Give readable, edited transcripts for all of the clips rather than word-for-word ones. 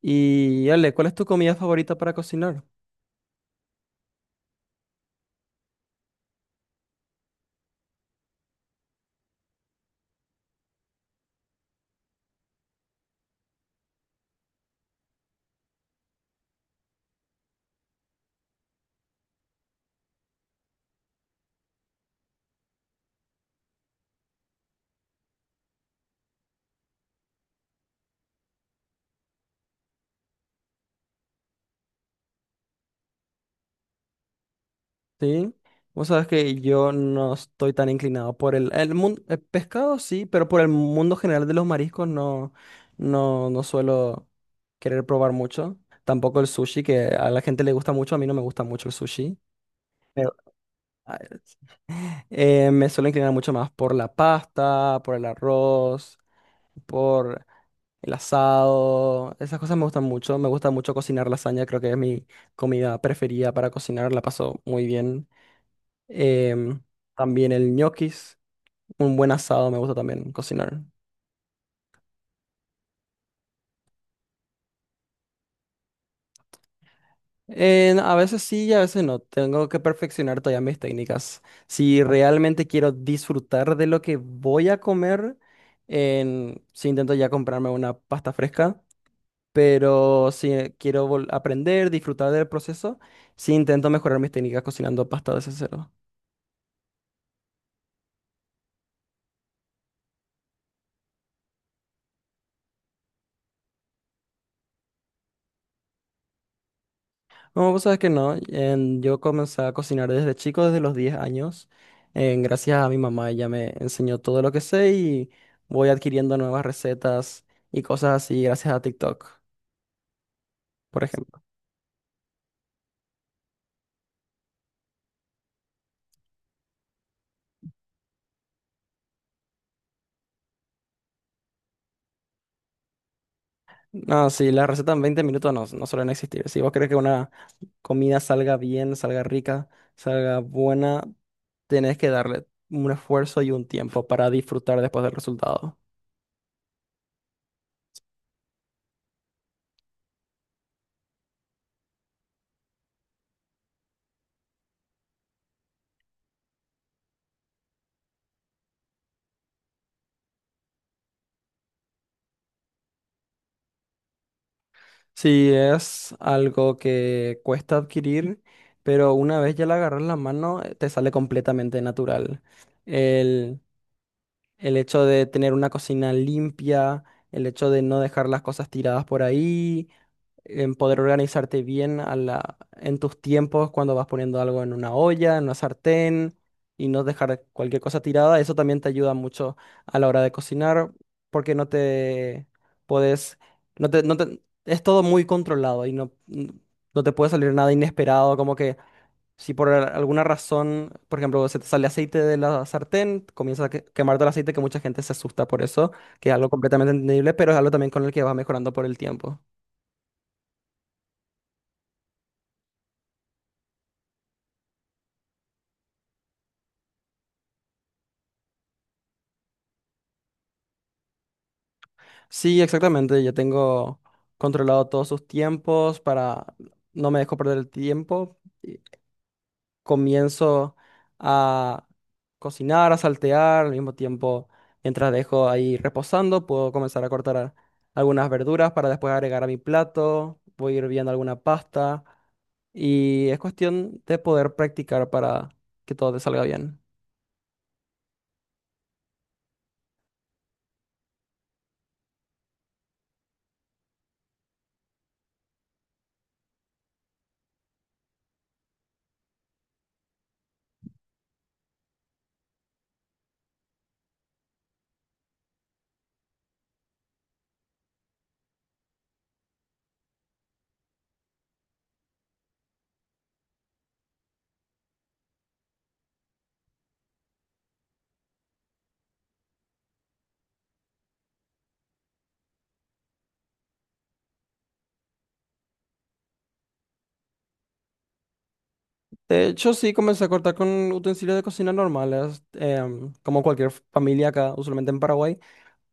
Y Ale, ¿cuál es tu comida favorita para cocinar? Sí. Vos sabes que yo no estoy tan inclinado por el mundo, el pescado sí, pero por el mundo general de los mariscos no, no, no suelo querer probar mucho. Tampoco el sushi, que a la gente le gusta mucho, a mí no me gusta mucho el sushi. Pero, ah, me suelo inclinar mucho más por la pasta, por el arroz, por el asado, esas cosas me gustan mucho. Me gusta mucho cocinar lasaña, creo que es mi comida preferida para cocinar, la paso muy bien. Em, También el ñoquis, un buen asado me gusta también cocinar. A veces sí y a veces no. Tengo que perfeccionar todavía mis técnicas. Si realmente quiero disfrutar de lo que voy a comer, si intento ya comprarme una pasta fresca. Pero si quiero aprender, disfrutar del proceso, sí intento mejorar mis técnicas cocinando pasta desde cero. No, vos sabes que no. Yo comencé a cocinar desde chico, desde los 10 años. Gracias a mi mamá, ella me enseñó todo lo que sé y voy adquiriendo nuevas recetas y cosas así gracias a TikTok, por ejemplo. No, sí, las recetas en 20 minutos no, no suelen existir. Si vos querés que una comida salga bien, salga rica, salga buena, tenés que darle un esfuerzo y un tiempo para disfrutar después del resultado. Sí, es algo que cuesta adquirir, pero una vez ya le agarras la mano, te sale completamente natural. El, el hecho de tener una cocina limpia, el hecho de no dejar las cosas tiradas por ahí, en poder organizarte bien a en tus tiempos cuando vas poniendo algo en una olla, en una sartén y no dejar cualquier cosa tirada. Eso también te ayuda mucho a la hora de cocinar porque no te puedes, no te- es todo muy controlado y no, no te puede salir nada inesperado, como que si por alguna razón, por ejemplo, se te sale aceite de la sartén, comienza a quemarte el aceite, que mucha gente se asusta por eso, que es algo completamente entendible, pero es algo también con el que vas mejorando por el tiempo. Sí, exactamente. Ya tengo controlado todos sus tiempos para no me dejo perder el tiempo. Comienzo a cocinar, a saltear, al mismo tiempo, mientras dejo ahí reposando, puedo comenzar a cortar algunas verduras para después agregar a mi plato. Voy hirviendo alguna pasta y es cuestión de poder practicar para que todo te salga bien. De hecho, sí, comencé a cortar con utensilios de cocina normales, como cualquier familia acá, usualmente en Paraguay.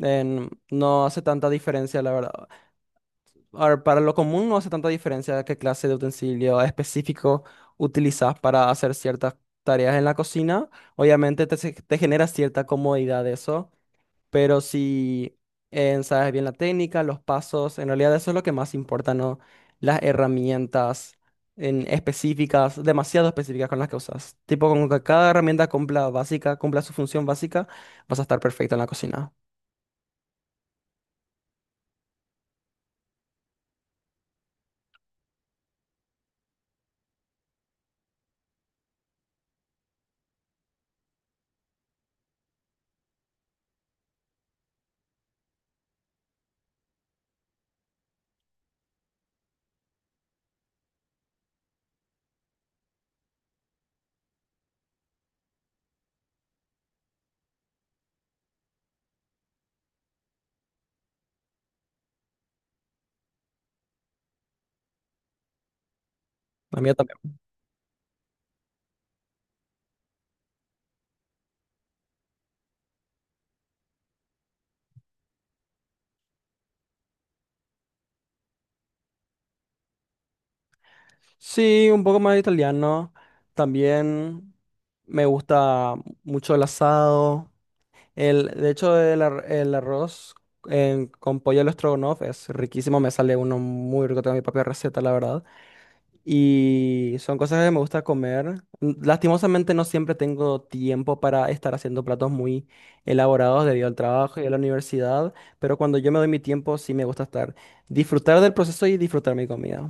No hace tanta diferencia, la verdad. A ver, para lo común no hace tanta diferencia qué clase de utensilio específico utilizas para hacer ciertas tareas en la cocina. Obviamente te genera cierta comodidad eso. Pero si sabes bien la técnica, los pasos, en realidad eso es lo que más importa, ¿no? Las herramientas en específicas, demasiado específicas con las que usas. Tipo, con que cada herramienta cumpla básica, cumpla su función básica, vas a estar perfecto en la cocina. La mía también. Sí, un poco más italiano. También me gusta mucho el asado. De hecho, el arroz con pollo al estrogonoff es riquísimo. Me sale uno muy rico. Tengo mi propia receta, la verdad. Y son cosas que me gusta comer. Lastimosamente no siempre tengo tiempo para estar haciendo platos muy elaborados debido al trabajo y a la universidad, pero cuando yo me doy mi tiempo sí me gusta estar, disfrutar del proceso y disfrutar mi comida.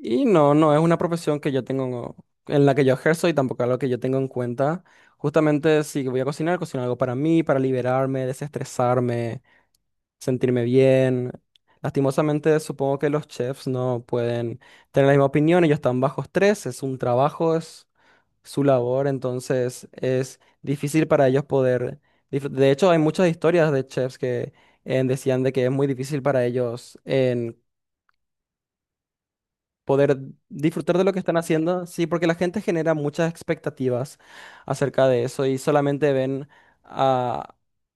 Y no, no es una profesión que yo tengo, en la que yo ejerzo y tampoco algo que yo tengo en cuenta. Cuenta. Justamente si voy a cocinar, cocino algo para mí, para liberarme, desestresarme. Sentirme bien. Lastimosamente, supongo que los chefs no pueden tener la misma opinión, ellos están bajo estrés, es un trabajo, es su labor, entonces es difícil para ellos poder... De hecho, hay muchas historias de chefs que decían de que es muy difícil para ellos poder disfrutar de lo que están haciendo. Sí, porque la gente genera muchas expectativas acerca de eso y solamente ven ah,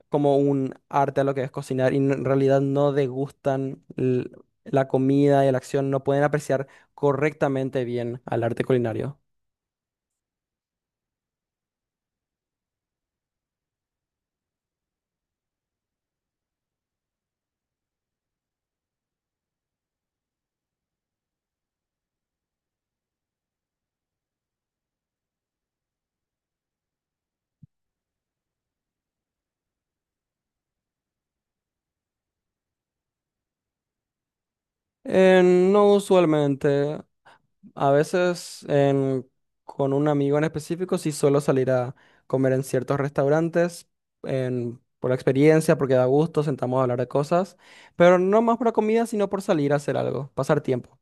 como un arte a lo que es cocinar y en realidad no degustan la comida y la acción, no pueden apreciar correctamente bien al arte culinario. No usualmente. A veces con un amigo en específico sí suelo salir a comer en ciertos restaurantes por la experiencia, porque da gusto, sentamos a hablar de cosas, pero no más por la comida, sino por salir a hacer algo, pasar tiempo.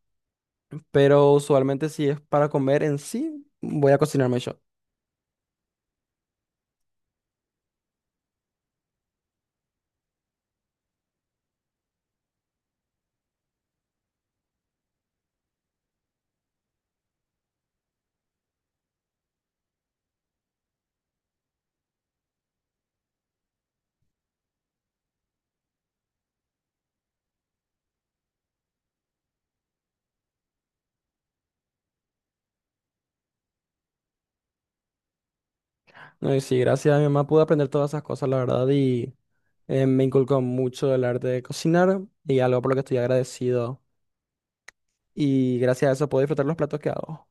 Pero usualmente si es para comer en sí, voy a cocinarme yo. No, y sí, gracias a mi mamá pude aprender todas esas cosas, la verdad, y me inculcó mucho el arte de cocinar y algo por lo que estoy agradecido. Y gracias a eso puedo disfrutar los platos que hago.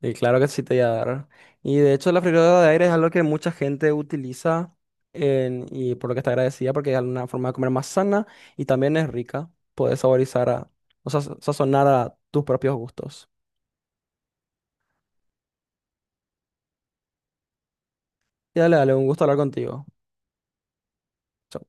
Y claro que sí te voy a dar. Y de hecho la freidora de aire es algo que mucha gente utiliza y por lo que está agradecida porque es una forma de comer más sana y también es rica. Puedes saborizar a, o sea, sazonar a tus propios gustos. Y dale, dale, un gusto hablar contigo. Chau.